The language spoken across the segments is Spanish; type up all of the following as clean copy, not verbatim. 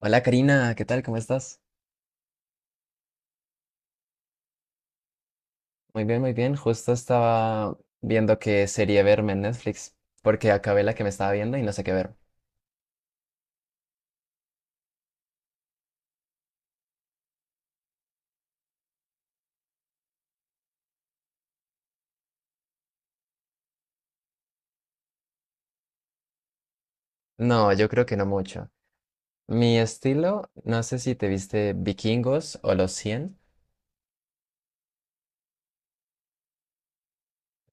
Hola Karina, ¿qué tal? ¿Cómo estás? Muy bien. Justo estaba viendo qué serie verme en Netflix, porque acabé la que me estaba viendo y no sé qué ver. No, yo creo que no mucho. Mi estilo, no sé si te viste Vikingos o Los cien.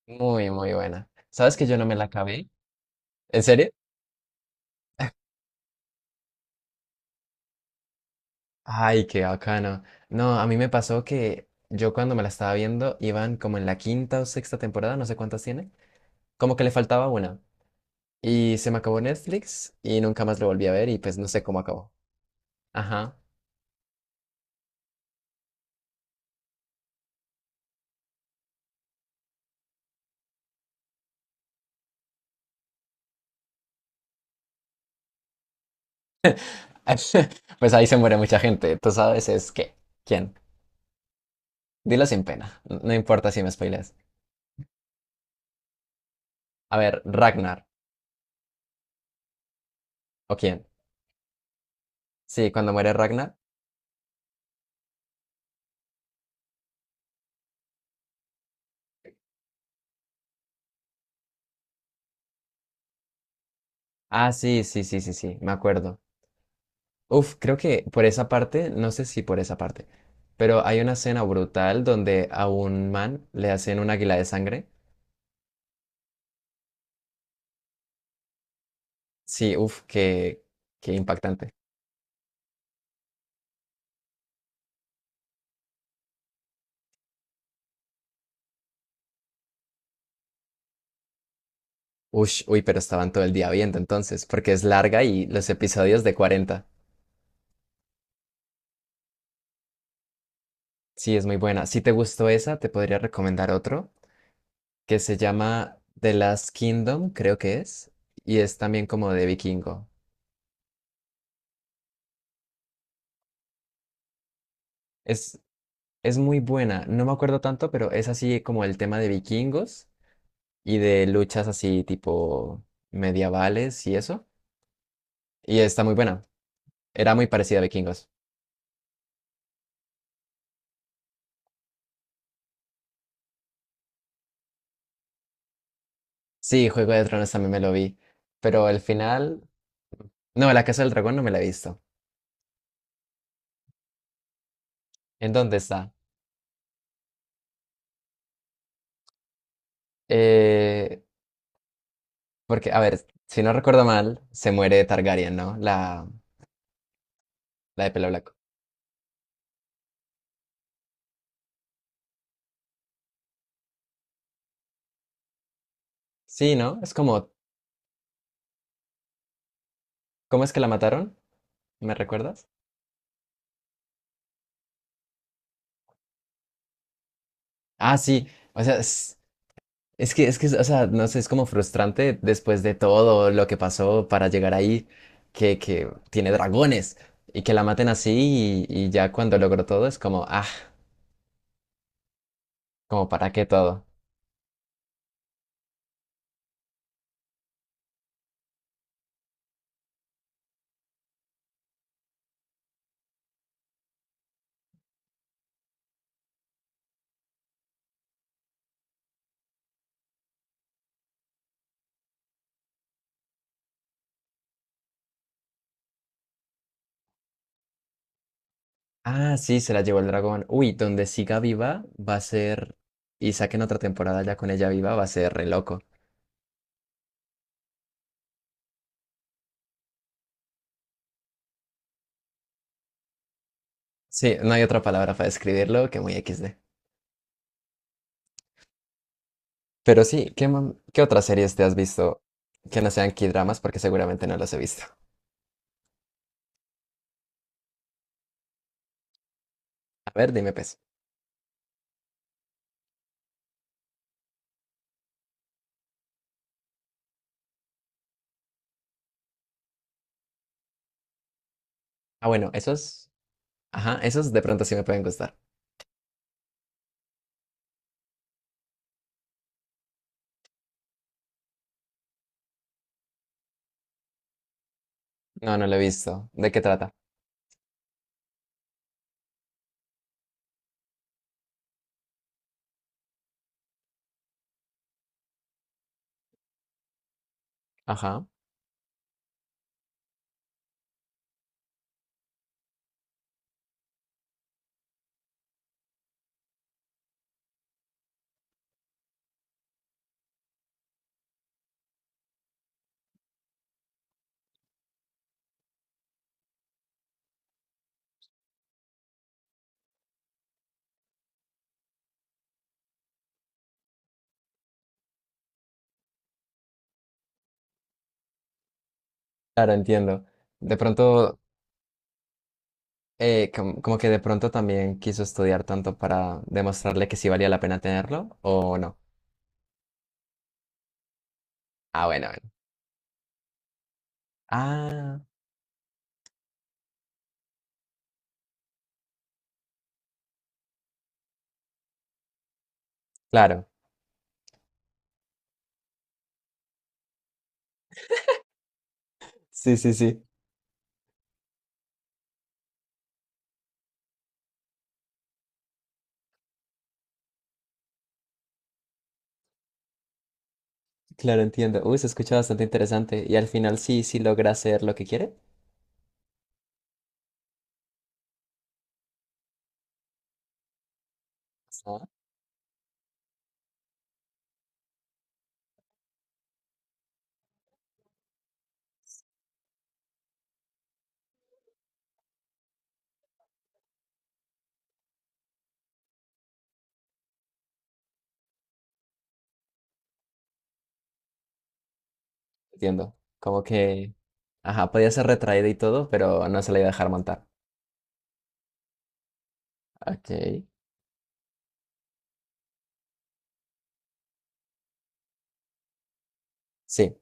Muy buena. ¿Sabes que yo no me la acabé? ¿En serio? Ay, qué bacano. No, a mí me pasó que yo cuando me la estaba viendo iban como en la quinta o sexta temporada, no sé cuántas tiene, como que le faltaba una. Y se me acabó Netflix y nunca más lo volví a ver y pues no sé cómo acabó. Ajá. Pues ahí se muere mucha gente. Tú sabes es qué. ¿Quién? Dilo sin pena. No importa si me spoileas. A ver, Ragnar. ¿O quién? Sí, cuando muere Ragnar. Ah, sí. Me acuerdo. Uf, creo que por esa parte, no sé si por esa parte, pero hay una escena brutal donde a un man le hacen un águila de sangre. Sí, uf, qué impactante. Ush, uy, pero estaban todo el día viendo entonces, porque es larga y los episodios de 40. Sí, es muy buena. Si te gustó esa, te podría recomendar otro que se llama The Last Kingdom, creo que es, y es también como de vikingo. Es, es muy buena, no me acuerdo tanto, pero es así como el tema de vikingos y de luchas así tipo medievales y eso. Y está muy buena. Era muy parecida a vikingos. Sí, Juego de Tronos también me lo vi, pero el final... No, La Casa del Dragón no me la he visto. ¿En dónde está? Eh, Porque, a ver, si no recuerdo mal, se muere Targaryen, ¿no? La de pelo blanco. Sí, ¿no? Es como, ¿cómo es que la mataron? ¿Me recuerdas? Ah, sí. O sea, es que, o sea, no sé, es como frustrante después de todo lo que pasó para llegar ahí, que tiene dragones y que la maten así y ya cuando logró todo es como, ah, como para qué todo. Ah, sí, se la llevó el dragón. Uy, donde siga viva va a ser, y saquen otra temporada ya con ella viva, va a ser re loco. Sí, no hay otra palabra para describirlo que muy equis de. Pero sí, ¿qué otras series te has visto que no sean K-dramas? Porque seguramente no las he visto. A ver, dime pues. Ah, bueno, esos. Ajá, esos de pronto sí me pueden gustar. No, no lo he visto. ¿De qué trata? Ajá. Claro, entiendo. De pronto, como que de pronto también quiso estudiar tanto para demostrarle que sí valía la pena tenerlo, ¿o no? Ah, bueno. Ah, claro. Sí. Claro, entiendo. Uy, se escucha bastante interesante. Y al final sí, sí logra hacer lo que quiere. Ah, entiendo. Como que, ajá, podía ser retraída y todo, pero no se la iba a dejar montar. Ok. Sí.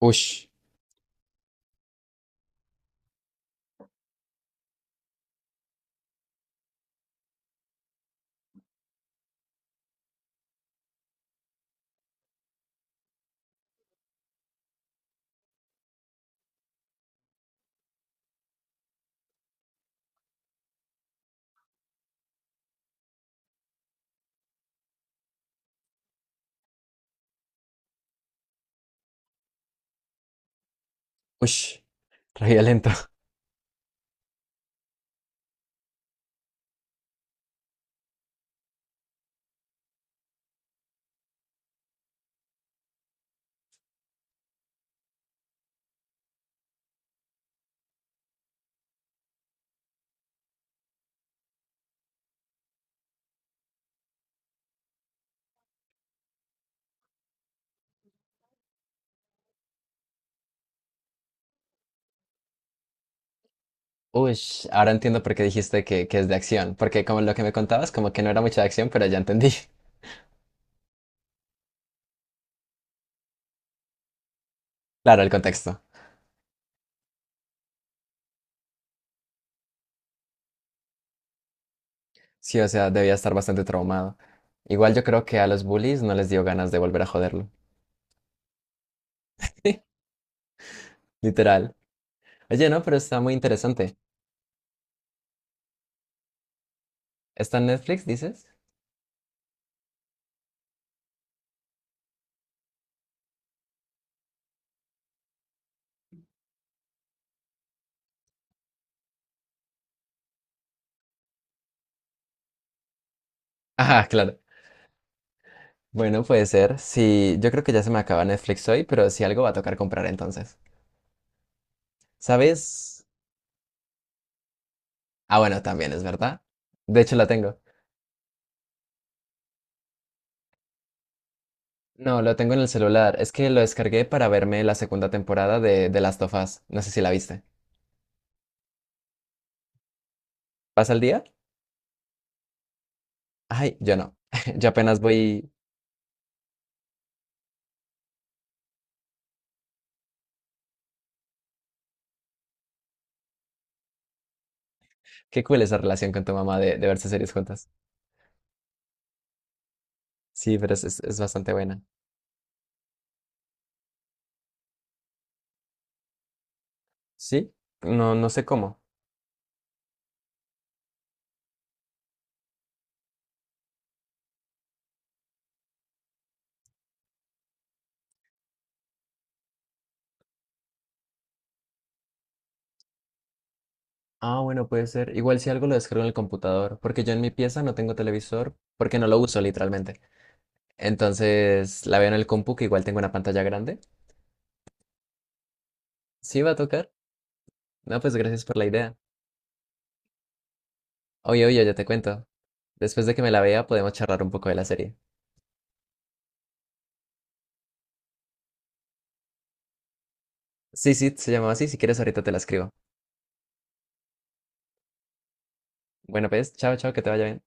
Ush, ush, re violento. Ush, ahora entiendo por qué dijiste que es de acción. Porque como lo que me contabas, como que no era mucha de acción, pero ya entendí. Claro, el contexto. Sí, o sea, debía estar bastante traumado. Igual yo creo que a los bullies no les dio ganas de volver a joderlo. Literal. Oye, no, pero está muy interesante. ¿Está en Netflix, dices? Ajá, claro. Bueno, puede ser. Sí, yo creo que ya se me acaba Netflix hoy, pero si algo va a tocar comprar entonces. ¿Sabes? Ah, bueno, también es verdad. De hecho, la tengo. No, lo tengo en el celular. Es que lo descargué para verme la segunda temporada de Last of Us. No sé si la viste. ¿Pasa el día? Ay, yo no. Yo apenas voy. Qué cool esa relación con tu mamá de verse series juntas. Sí, pero es bastante buena. ¿Sí? No, no sé cómo. Ah, bueno, puede ser. Igual si algo lo descargo en el computador, porque yo en mi pieza no tengo televisor, porque no lo uso literalmente. Entonces la veo en el compu, que igual tengo una pantalla grande. Sí, va a tocar. No, pues gracias por la idea. Oye, ya te cuento. Después de que me la vea, podemos charlar un poco de la serie. Sí, se llamaba así. Si quieres, ahorita te la escribo. Bueno, pues, chao, que te vaya bien.